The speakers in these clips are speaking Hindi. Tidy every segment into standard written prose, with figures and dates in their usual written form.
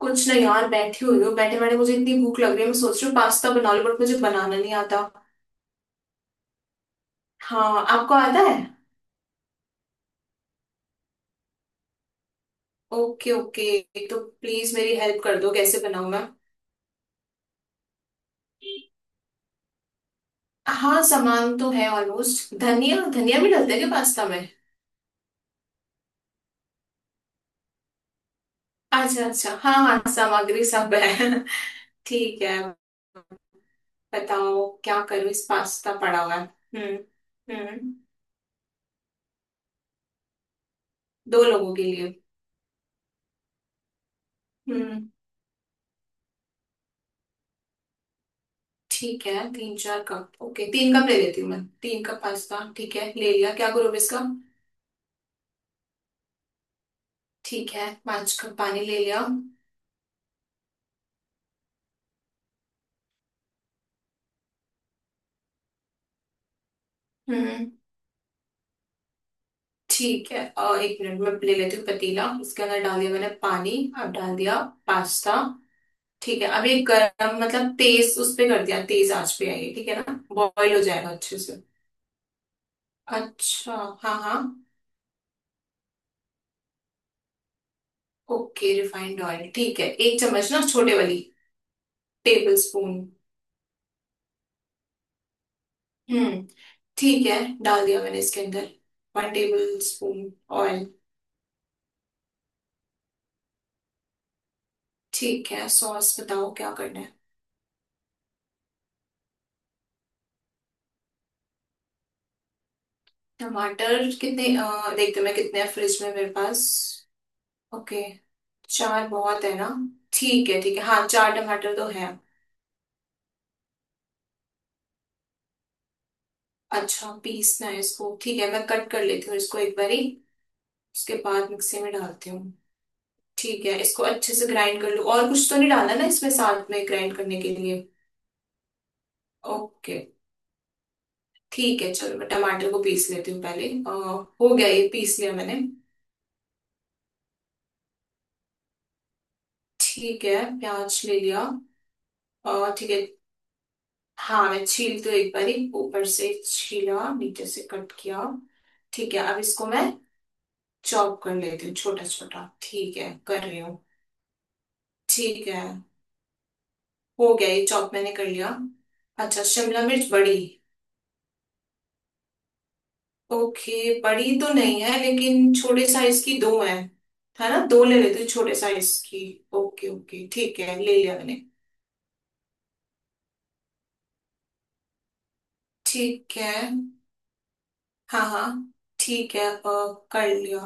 कुछ नहीं यार, बैठी हुई हूँ। बैठे बैठे मुझे इतनी भूख लग रही है, मैं सोच रही हूँ पास्ता बना लूँ, बट मुझे बनाना नहीं आता। हाँ, आपको आता है? ओके ओके, तो प्लीज मेरी हेल्प कर दो, कैसे बनाऊँ मैं? हाँ, सामान तो है ऑलमोस्ट। धनिया, धनिया भी डालते हैं क्या पास्ता में? अच्छा अच्छा, हाँ हाँ, सामग्री सब है। ठीक है। बताओ क्या करूँ, इस पास्ता पड़ा हुआ है। हम्म। हम्म। दो लोगों के लिए। हम्म, ठीक है, 3 4 कप। ओके, 3 कप ले लेती हूँ मैं। 3 कप पास्ता। ठीक है, ले लिया, क्या करूँ अब इसका? ठीक है, 5 कप पानी ले लिया। हम्म, ठीक है, और 1 मिनट में ले लेती हूँ पतीला। उसके अंदर डाल दिया मैंने पानी। अब डाल दिया पास्ता। ठीक है, अब ये गरम मतलब तेज उस पे कर दिया, तेज आंच पे आएगी, ठीक है ना, बॉईल हो जाएगा अच्छे से। अच्छा। हाँ हाँ। ओके, रिफाइंड ऑयल ठीक है, 1 चम्मच ना, छोटे वाली? Tablespoon. हम्म, ठीक है, डाल दिया मैंने इसके अंदर, 1 टेबल स्पून ऑयल। ठीक है, सॉस बताओ क्या करना है। टमाटर कितने, देखते हैं मैं कितने हैं फ्रिज में मेरे पास। ओके। 4 बहुत है ना? ठीक है ठीक है, हाँ, 4 टमाटर तो है। अच्छा, पीसना है इसको? ठीक है, मैं कट कर लेती हूँ इसको एक बारी, उसके बाद मिक्सी में डालती हूँ। ठीक है, इसको अच्छे से ग्राइंड कर लूँ, और कुछ तो नहीं डालना ना इसमें साथ में ग्राइंड करने के लिए? ओके, ठीक है, चलो मैं टमाटर को पीस लेती हूँ पहले। हो गया, ये पीस लिया मैंने। ठीक है, प्याज ले लिया। ठीक है। हाँ, मैं छील तो एक बार ही ऊपर से छीला, नीचे से कट किया। ठीक है, अब इसको मैं चॉप कर लेती हूँ छोटा छोटा। ठीक है, कर रही हूँ। ठीक है, हो गया ये चॉप मैंने कर लिया। अच्छा, शिमला मिर्च बड़ी? ओके, बड़ी तो नहीं है लेकिन छोटे साइज की दो है। है ना, दो ले लेती हूँ छोटे साइज की। ओके ओके, ठीक है, ले लिया मैंने। ठीक है। हाँ हाँ। ठीक है। कर लिया।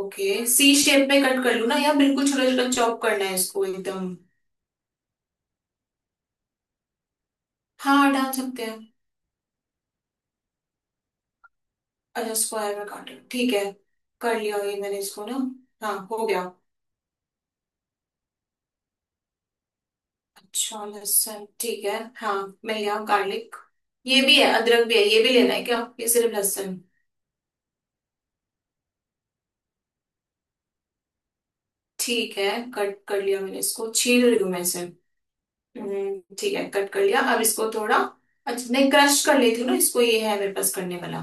ओके, सी शेप में कट कर लूँ ना, या बिल्कुल छोटा छोटा चॉप करना है इसको एकदम? हाँ, डाल सकते हैं। अच्छा, स्क्वायर में काटे, ठीक है। कर लिया ये मैंने, इसको ना। हाँ, हो गया। अच्छा, लहसुन, ठीक है, हाँ। मिल गया गार्लिक। ये भी है, अदरक भी है, ये भी लेना है क्या, ये सिर्फ लहसुन? ठीक है, कट कर लिया मैंने, इसको छील रही हूँ मैं इसे। ठीक है, कट कर लिया, अब इसको थोड़ा, अच्छा नहीं क्रश कर लेती हूँ ना इसको, ये है मेरे पास करने वाला।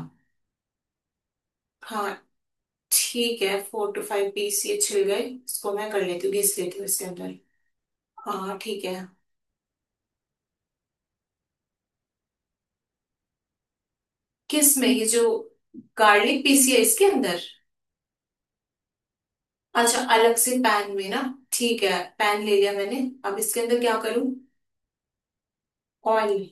हाँ। ठीक है, 4 to 5 पीस ये छिल गए, इसको मैं कर लेती हूँ, घिस लेती हूँ इसके अंदर। हाँ, ठीक है। किस में, ये जो गार्लिक पीसी है इसके अंदर? अच्छा, अलग से पैन में ना। ठीक है, पैन ले लिया मैंने। अब इसके अंदर क्या करूँ? ऑयल?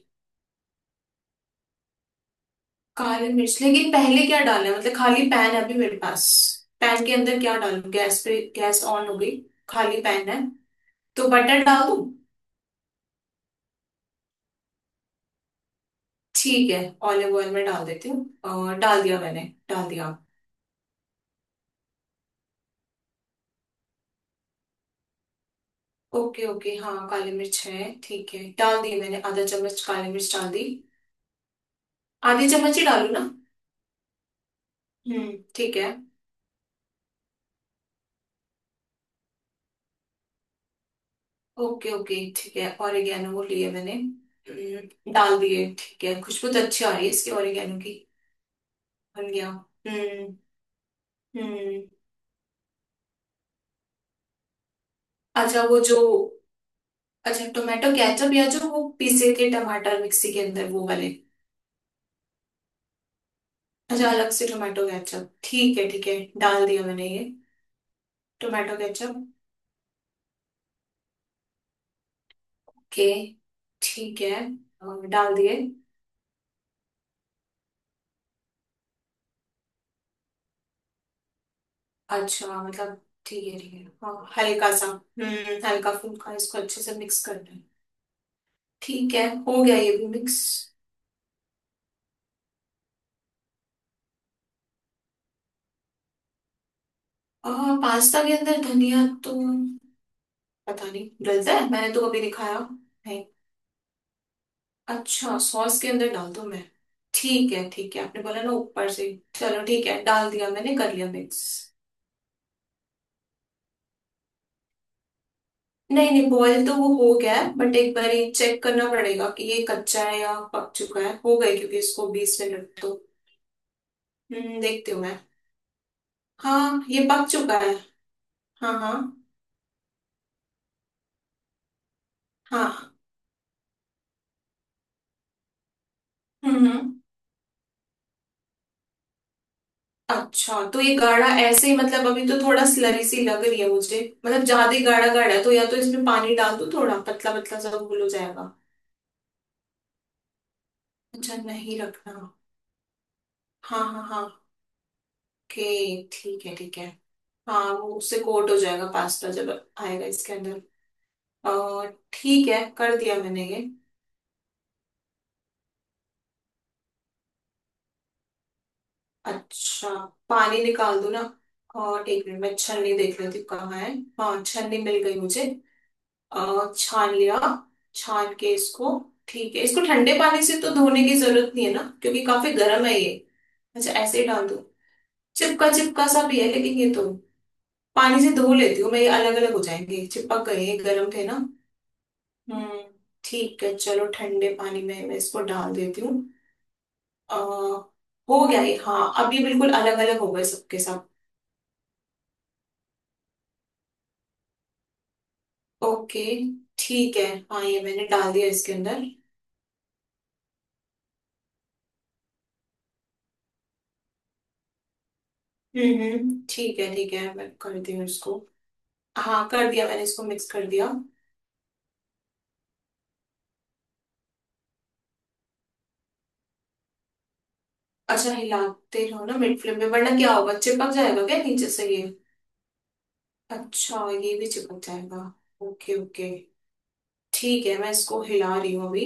काली मिर्च, लेकिन पहले क्या डालना है, मतलब खाली पैन है अभी मेरे पास। पैन के अंदर क्या डालूं, गैस पे, गैस ऑन हो गई, खाली पैन है, तो बटर डाल दूं? ठीक है, ऑलिव ऑयल में डाल देती हूँ। डाल दिया मैंने। डाल दिया। ओके ओके, हाँ, काली मिर्च है, ठीक है, डाल दी मैंने, ½ चम्मच काली मिर्च डाल दी। आधी चम्मच ही डालू ना? हम्म, ठीक है। ओके ओके, ठीक है, ऑरिगेनो वो लिए मैंने। डाल दिए। ठीक है, खुशबू तो अच्छी आ रही है इसकी, ऑरिगेनो की। बन गया। हम्म। हम्म। अच्छा वो जो, अच्छा टोमेटो केचप या जो वो पीसे थे टमाटर मिक्सी के अंदर वो वाले? अच्छा, अलग से टोमेटो केचप, ठीक है ठीक है, डाल दिया मैंने ये टोमेटो केचप के। ठीक है, और डाल दिए। अच्छा मतलब ठीक है ठीक है, हाँ हल्का सा, हम्म, हल्का फुल्का, इसको अच्छे से मिक्स करना है। ठीक है, हो गया ये भी मिक्स। और पास्ता के अंदर धनिया तो पता नहीं डलता है, मैंने तो कभी नहीं खाया नहीं। अच्छा, सॉस के अंदर डाल दूं मैं? ठीक है ठीक है, आपने बोला ना ऊपर से, चलो ठीक है, डाल दिया मैंने, कर लिया मिक्स। नहीं नहीं, बॉयल तो वो हो गया है, बट एक बार ये चेक करना पड़ेगा कि ये कच्चा है या पक चुका है, हो गए क्योंकि इसको 20 मिनट तो। देखती हूँ मैं। हाँ, ये पक चुका है। हाँ हाँ हाँ। हम्म हम्म। अच्छा, तो ये गाढ़ा ऐसे ही, मतलब अभी तो थोड़ा स्लरी सी लग रही है मुझे, मतलब ज्यादा ही गाढ़ा गाढ़ा है, तो या तो इसमें पानी डाल दो, थोड़ा पतला पतला सा घोल हो जाएगा। अच्छा, नहीं रखना। हाँ हाँ हाँ। ओके। ठीक है ठीक है। हाँ, वो उससे कोट हो जाएगा पास्ता जब आएगा इसके अंदर। अ, ठीक है, कर दिया मैंने ये। अच्छा, पानी निकाल दूं ना? और एक मिनट मैं छन्नी देख लेती हूँ कहाँ है। हाँ, छन्नी मिल गई मुझे। छान लिया, छान के इसको। ठीक है, इसको ठंडे पानी से तो धोने की जरूरत नहीं है ना, क्योंकि काफी गर्म है ये? अच्छा, ऐसे ही डाल दूं? चिपका चिपका सा भी है लेकिन ये तो, पानी से धो लेती हूँ मैं, ये अलग अलग हो जाएंगे, चिपक गए ये गर्म थे ना। हम्म, ठीक है, चलो ठंडे पानी में मैं इसको डाल देती हूँ। अ, हो गया ये। हाँ, अब ये बिल्कुल अलग अलग हो गए सबके सब। ओके, ठीक है। हाँ, ये मैंने डाल दिया इसके अंदर। ठीक है ठीक है, मैं कर दी हूँ इसको। हाँ, कर दिया मैंने, इसको मिक्स कर दिया। अच्छा, हिलाते रहो ना मिड फ्लेम में, वरना क्या होगा, चिपक जाएगा क्या नीचे से ये? अच्छा, ये भी चिपक जाएगा। ओके ओके, ठीक है, मैं इसको हिला रही हूँ अभी।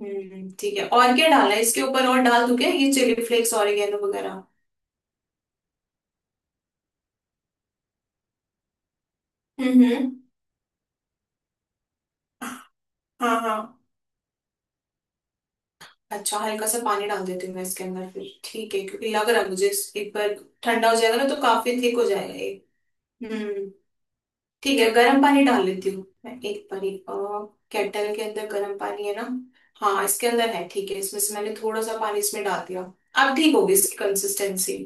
हम्म, ठीक है, और क्या डाला है इसके ऊपर, और डाल दूं क्या ये चिली फ्लेक्स ऑरिगेनो वगैरह? हम्म। हाँ हाँ, अच्छा, हल्का सा पानी डाल देती हूँ मैं इसके अंदर फिर, ठीक है, क्योंकि लग रहा है मुझे एक बार ठंडा हो जाएगा ना, तो काफी थिक हो जाएगा ये। हम्म, ठीक है, गर्म पानी डाल लेती हूँ मैं एक बारी। केटल के अंदर गर्म पानी है ना। हाँ, इसके अंदर है, ठीक है, इसमें से मैंने थोड़ा सा पानी इसमें डाल दिया। अब ठीक होगी इसकी कंसिस्टेंसी।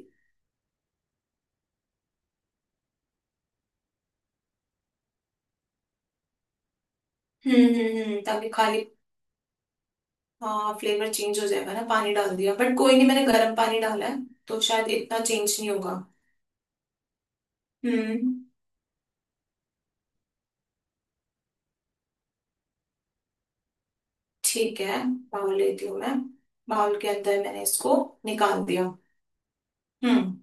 ताकि खाली, हाँ, फ्लेवर चेंज हो जाएगा ना, पानी डाल दिया, बट कोई नहीं, मैंने गर्म पानी डाला है तो शायद इतना चेंज नहीं होगा। हम्म, ठीक है, बाउल लेती हूँ मैं। बाउल के अंदर मैंने इसको निकाल दिया। हम्म।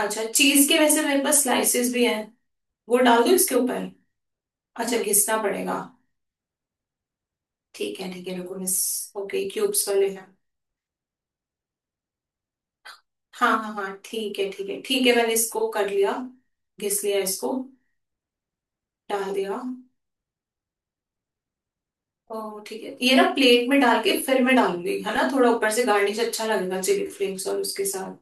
अच्छा, चीज के वैसे मेरे पास स्लाइसेस भी हैं, वो डाल दूँ इसके ऊपर? अच्छा, घिसना पड़ेगा? ठीक है ठीक है, रुको मिस। ओके, क्यूब्स वाले हैं। हाँ हाँ हाँ, ठीक है ठीक है ठीक है, मैंने इसको कर लिया, घिस लिया इसको। डाल दिया। ओ, ठीक है, ये ना प्लेट में डाल के फिर मैं डालूंगी है ना, थोड़ा ऊपर से गार्निश अच्छा लगेगा, चिली फ्लेक्स और उसके साथ।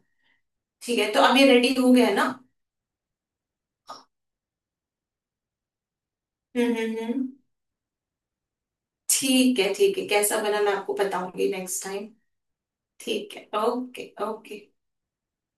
ठीक है, तो अब ये रेडी हो गया है ना? हम्म, ठीक है ठीक है, कैसा बना मैं आपको बताऊंगी नेक्स्ट टाइम। ठीक है, ओके ओके।